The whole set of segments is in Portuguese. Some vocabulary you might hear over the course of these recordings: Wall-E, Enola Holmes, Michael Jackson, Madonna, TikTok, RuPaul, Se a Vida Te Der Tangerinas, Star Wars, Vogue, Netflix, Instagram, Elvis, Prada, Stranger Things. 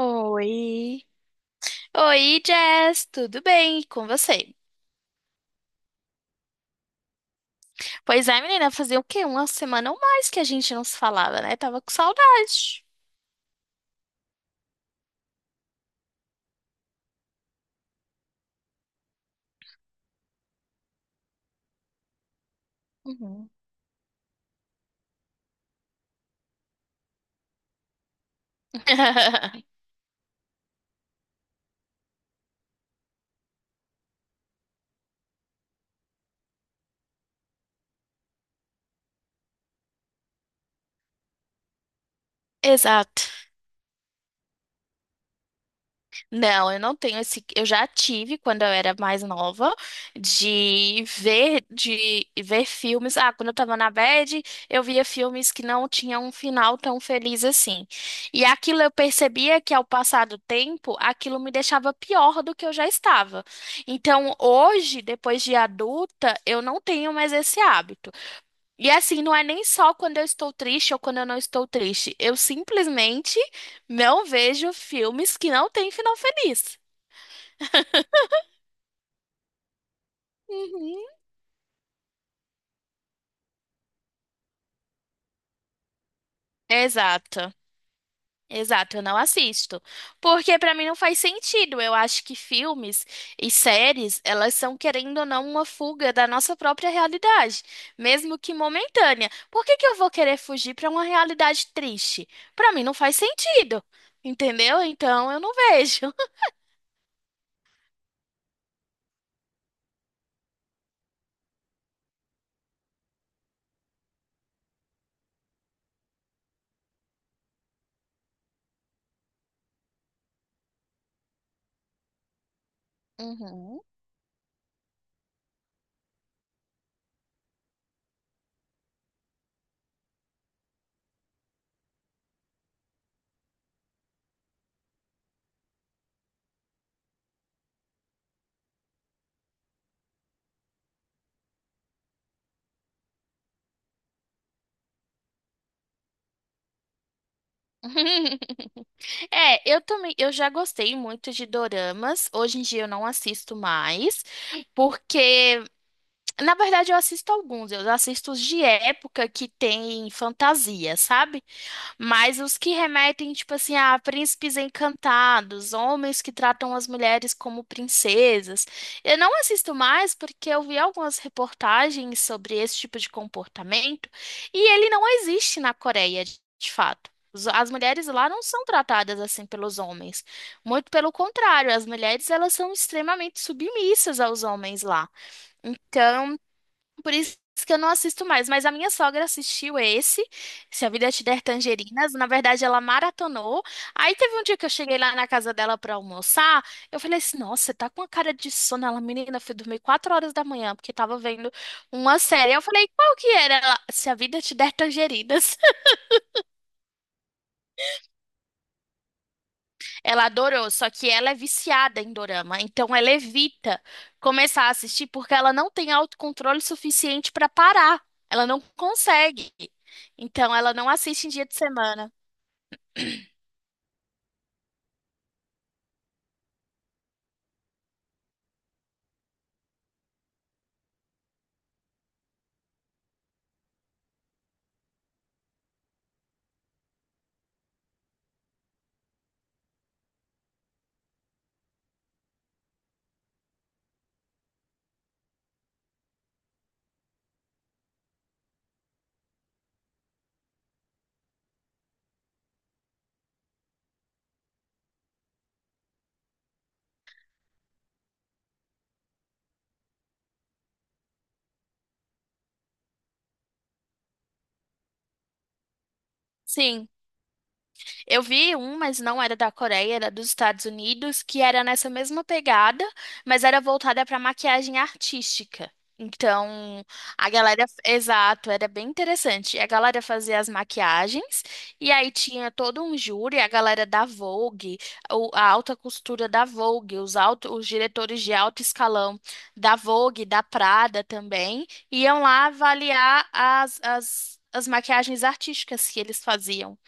Oi. Oi, Jess, tudo bem? E com você? Pois é, menina, fazia o quê? Uma semana ou mais que a gente não se falava, né? Tava com saudade. Uhum. Exato. Não, eu não tenho esse. Eu já tive quando eu era mais nova de ver filmes. Ah, quando eu tava na bad, eu via filmes que não tinham um final tão feliz assim. E aquilo eu percebia que ao passar do tempo, aquilo me deixava pior do que eu já estava. Então, hoje, depois de adulta, eu não tenho mais esse hábito. E assim, não é nem só quando eu estou triste ou quando eu não estou triste. Eu simplesmente não vejo filmes que não têm final feliz. Uhum. Exato. Exato, eu não assisto. Porque pra mim não faz sentido. Eu acho que filmes e séries, elas são querendo ou não uma fuga da nossa própria realidade, mesmo que momentânea. Por que que eu vou querer fugir pra uma realidade triste? Pra mim não faz sentido. Entendeu? Então eu não vejo. Uhum. É, eu também, eu já gostei muito de doramas. Hoje em dia eu não assisto mais, porque na verdade eu assisto alguns, eu assisto os de época que tem fantasia, sabe? Mas os que remetem, tipo assim, a príncipes encantados, homens que tratam as mulheres como princesas. Eu não assisto mais porque eu vi algumas reportagens sobre esse tipo de comportamento e ele não existe na Coreia, de fato. As mulheres lá não são tratadas assim pelos homens. Muito pelo contrário, as mulheres elas são extremamente submissas aos homens lá. Então, por isso que eu não assisto mais, mas a minha sogra assistiu esse, Se a Vida Te Der Tangerinas. Na verdade, ela maratonou. Aí teve um dia que eu cheguei lá na casa dela para almoçar, eu falei assim: "Nossa, você tá com uma cara de sono". Ela, menina, foi dormir 4 horas da manhã porque tava vendo uma série. Eu falei: "Qual que era?" Ela, Se a Vida Te Der Tangerinas. Ela adorou, só que ela é viciada em dorama, então ela evita começar a assistir porque ela não tem autocontrole suficiente para parar. Ela não consegue. Então ela não assiste em dia de semana. Sim. Eu vi um, mas não era da Coreia, era dos Estados Unidos, que era nessa mesma pegada, mas era voltada para maquiagem artística. Então, a galera, exato, era bem interessante. A galera fazia as maquiagens e aí tinha todo um júri, a galera da Vogue, a alta costura da Vogue, os diretores de alto escalão da Vogue, da Prada também, iam lá avaliar as maquiagens artísticas que eles faziam.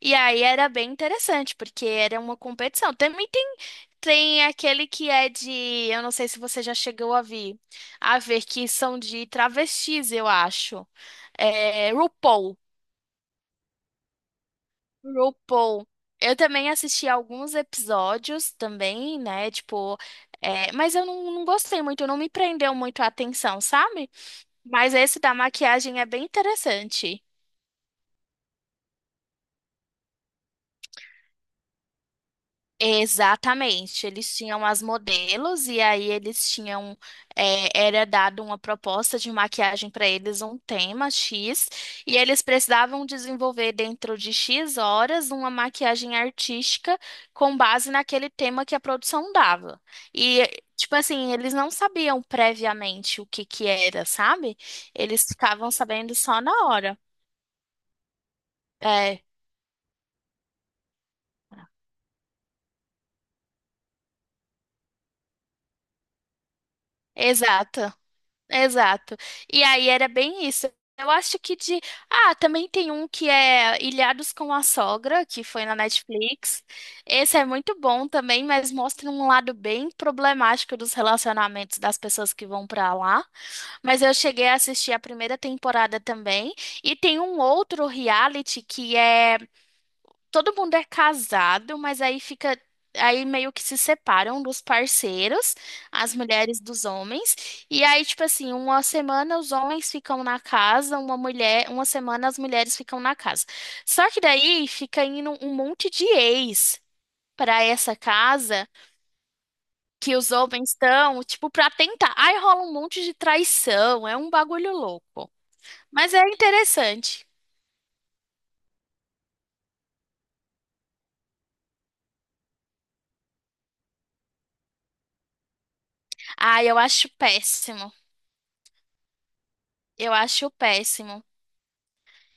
E aí era bem interessante, porque era uma competição. Também tem, tem aquele que é de, eu não sei se você já chegou a ver que são de travestis, eu acho. É, RuPaul. RuPaul. Eu também assisti alguns episódios também, né? Tipo, mas eu não gostei muito, não me prendeu muito a atenção, sabe? Mas esse da maquiagem é bem interessante. Exatamente, eles tinham as modelos e aí eles tinham, era dado uma proposta de maquiagem para eles, um tema X, e eles precisavam desenvolver dentro de X horas uma maquiagem artística com base naquele tema que a produção dava. E, tipo assim, eles não sabiam previamente o que que era, sabe? Eles ficavam sabendo só na hora. É, exato. Exato. E aí era bem isso. Eu acho que de. Ah, também tem um que é Ilhados com a Sogra, que foi na Netflix. Esse é muito bom também, mas mostra um lado bem problemático dos relacionamentos das pessoas que vão pra lá. Mas eu cheguei a assistir a primeira temporada também. E tem um outro reality que é todo mundo é casado, mas aí fica, aí meio que se separam dos parceiros, as mulheres dos homens, e aí tipo assim, uma semana os homens ficam na casa, uma mulher, uma semana as mulheres ficam na casa. Só que daí fica indo um monte de ex para essa casa que os homens estão, tipo, para tentar. Aí rola um monte de traição, é um bagulho louco. Mas é interessante. Ah, eu acho péssimo. Eu acho péssimo.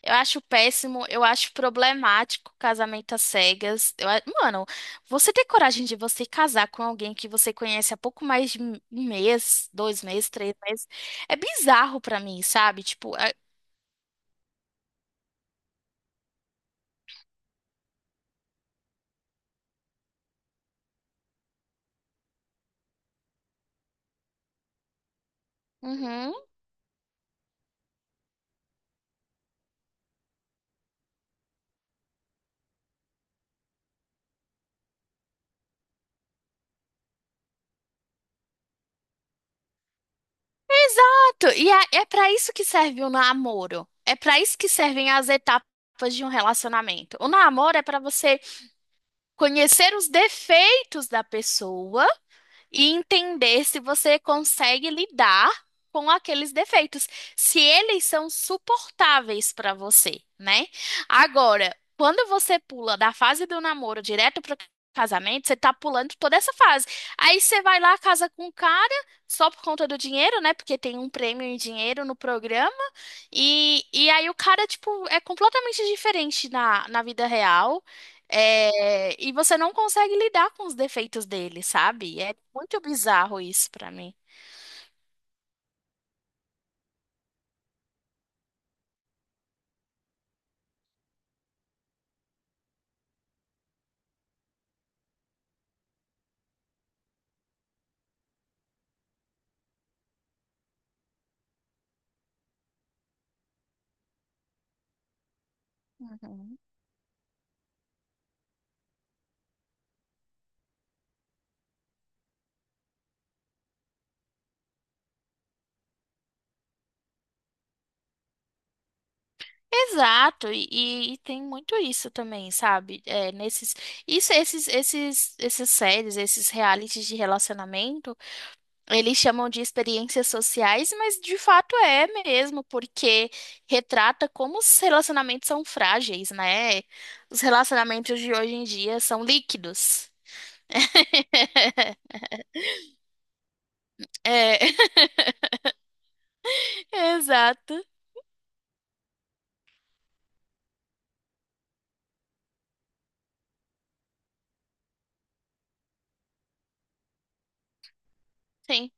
Eu acho péssimo, eu acho problemático casamento às cegas. Eu, mano, você ter coragem de você casar com alguém que você conhece há pouco mais de um mês, 2 meses, 3 meses, é bizarro pra mim, sabe? Tipo, é- Uhum. Exato. E é para isso que serve o namoro. É para isso que servem as etapas de um relacionamento. O namoro é para você conhecer os defeitos da pessoa e entender se você consegue lidar com aqueles defeitos, se eles são suportáveis para você, né? Agora, quando você pula da fase do namoro direto para casamento, você tá pulando toda essa fase. Aí você vai lá, casa com o cara, só por conta do dinheiro, né? Porque tem um prêmio em dinheiro no programa. E, aí o cara, tipo, é completamente diferente na, na vida real. É, e você não consegue lidar com os defeitos dele, sabe? É muito bizarro isso pra mim. Uhum. Exato, e tem muito isso também, sabe? É, nesses, isso, essas séries, esses realities de relacionamento. Eles chamam de experiências sociais, mas de fato é mesmo, porque retrata como os relacionamentos são frágeis, né? Os relacionamentos de hoje em dia são líquidos. É, exato. Sim.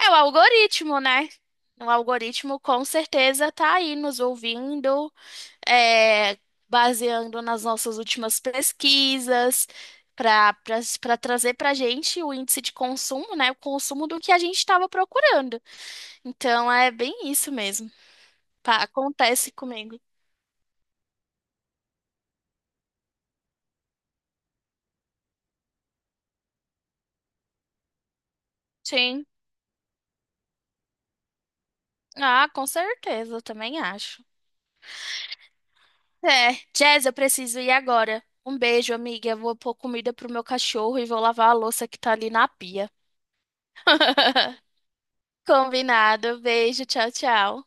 É o algoritmo, né? O algoritmo com certeza tá aí nos ouvindo, é, baseando nas nossas últimas pesquisas, para para trazer para gente o índice de consumo, né? O consumo do que a gente estava procurando. Então é bem isso mesmo. Acontece comigo. Sim. Ah, com certeza, eu também acho. É, Jazz, eu preciso ir agora. Um beijo, amiga. Eu vou pôr comida pro meu cachorro e vou lavar a louça que tá ali na pia. Combinado. Beijo, tchau, tchau.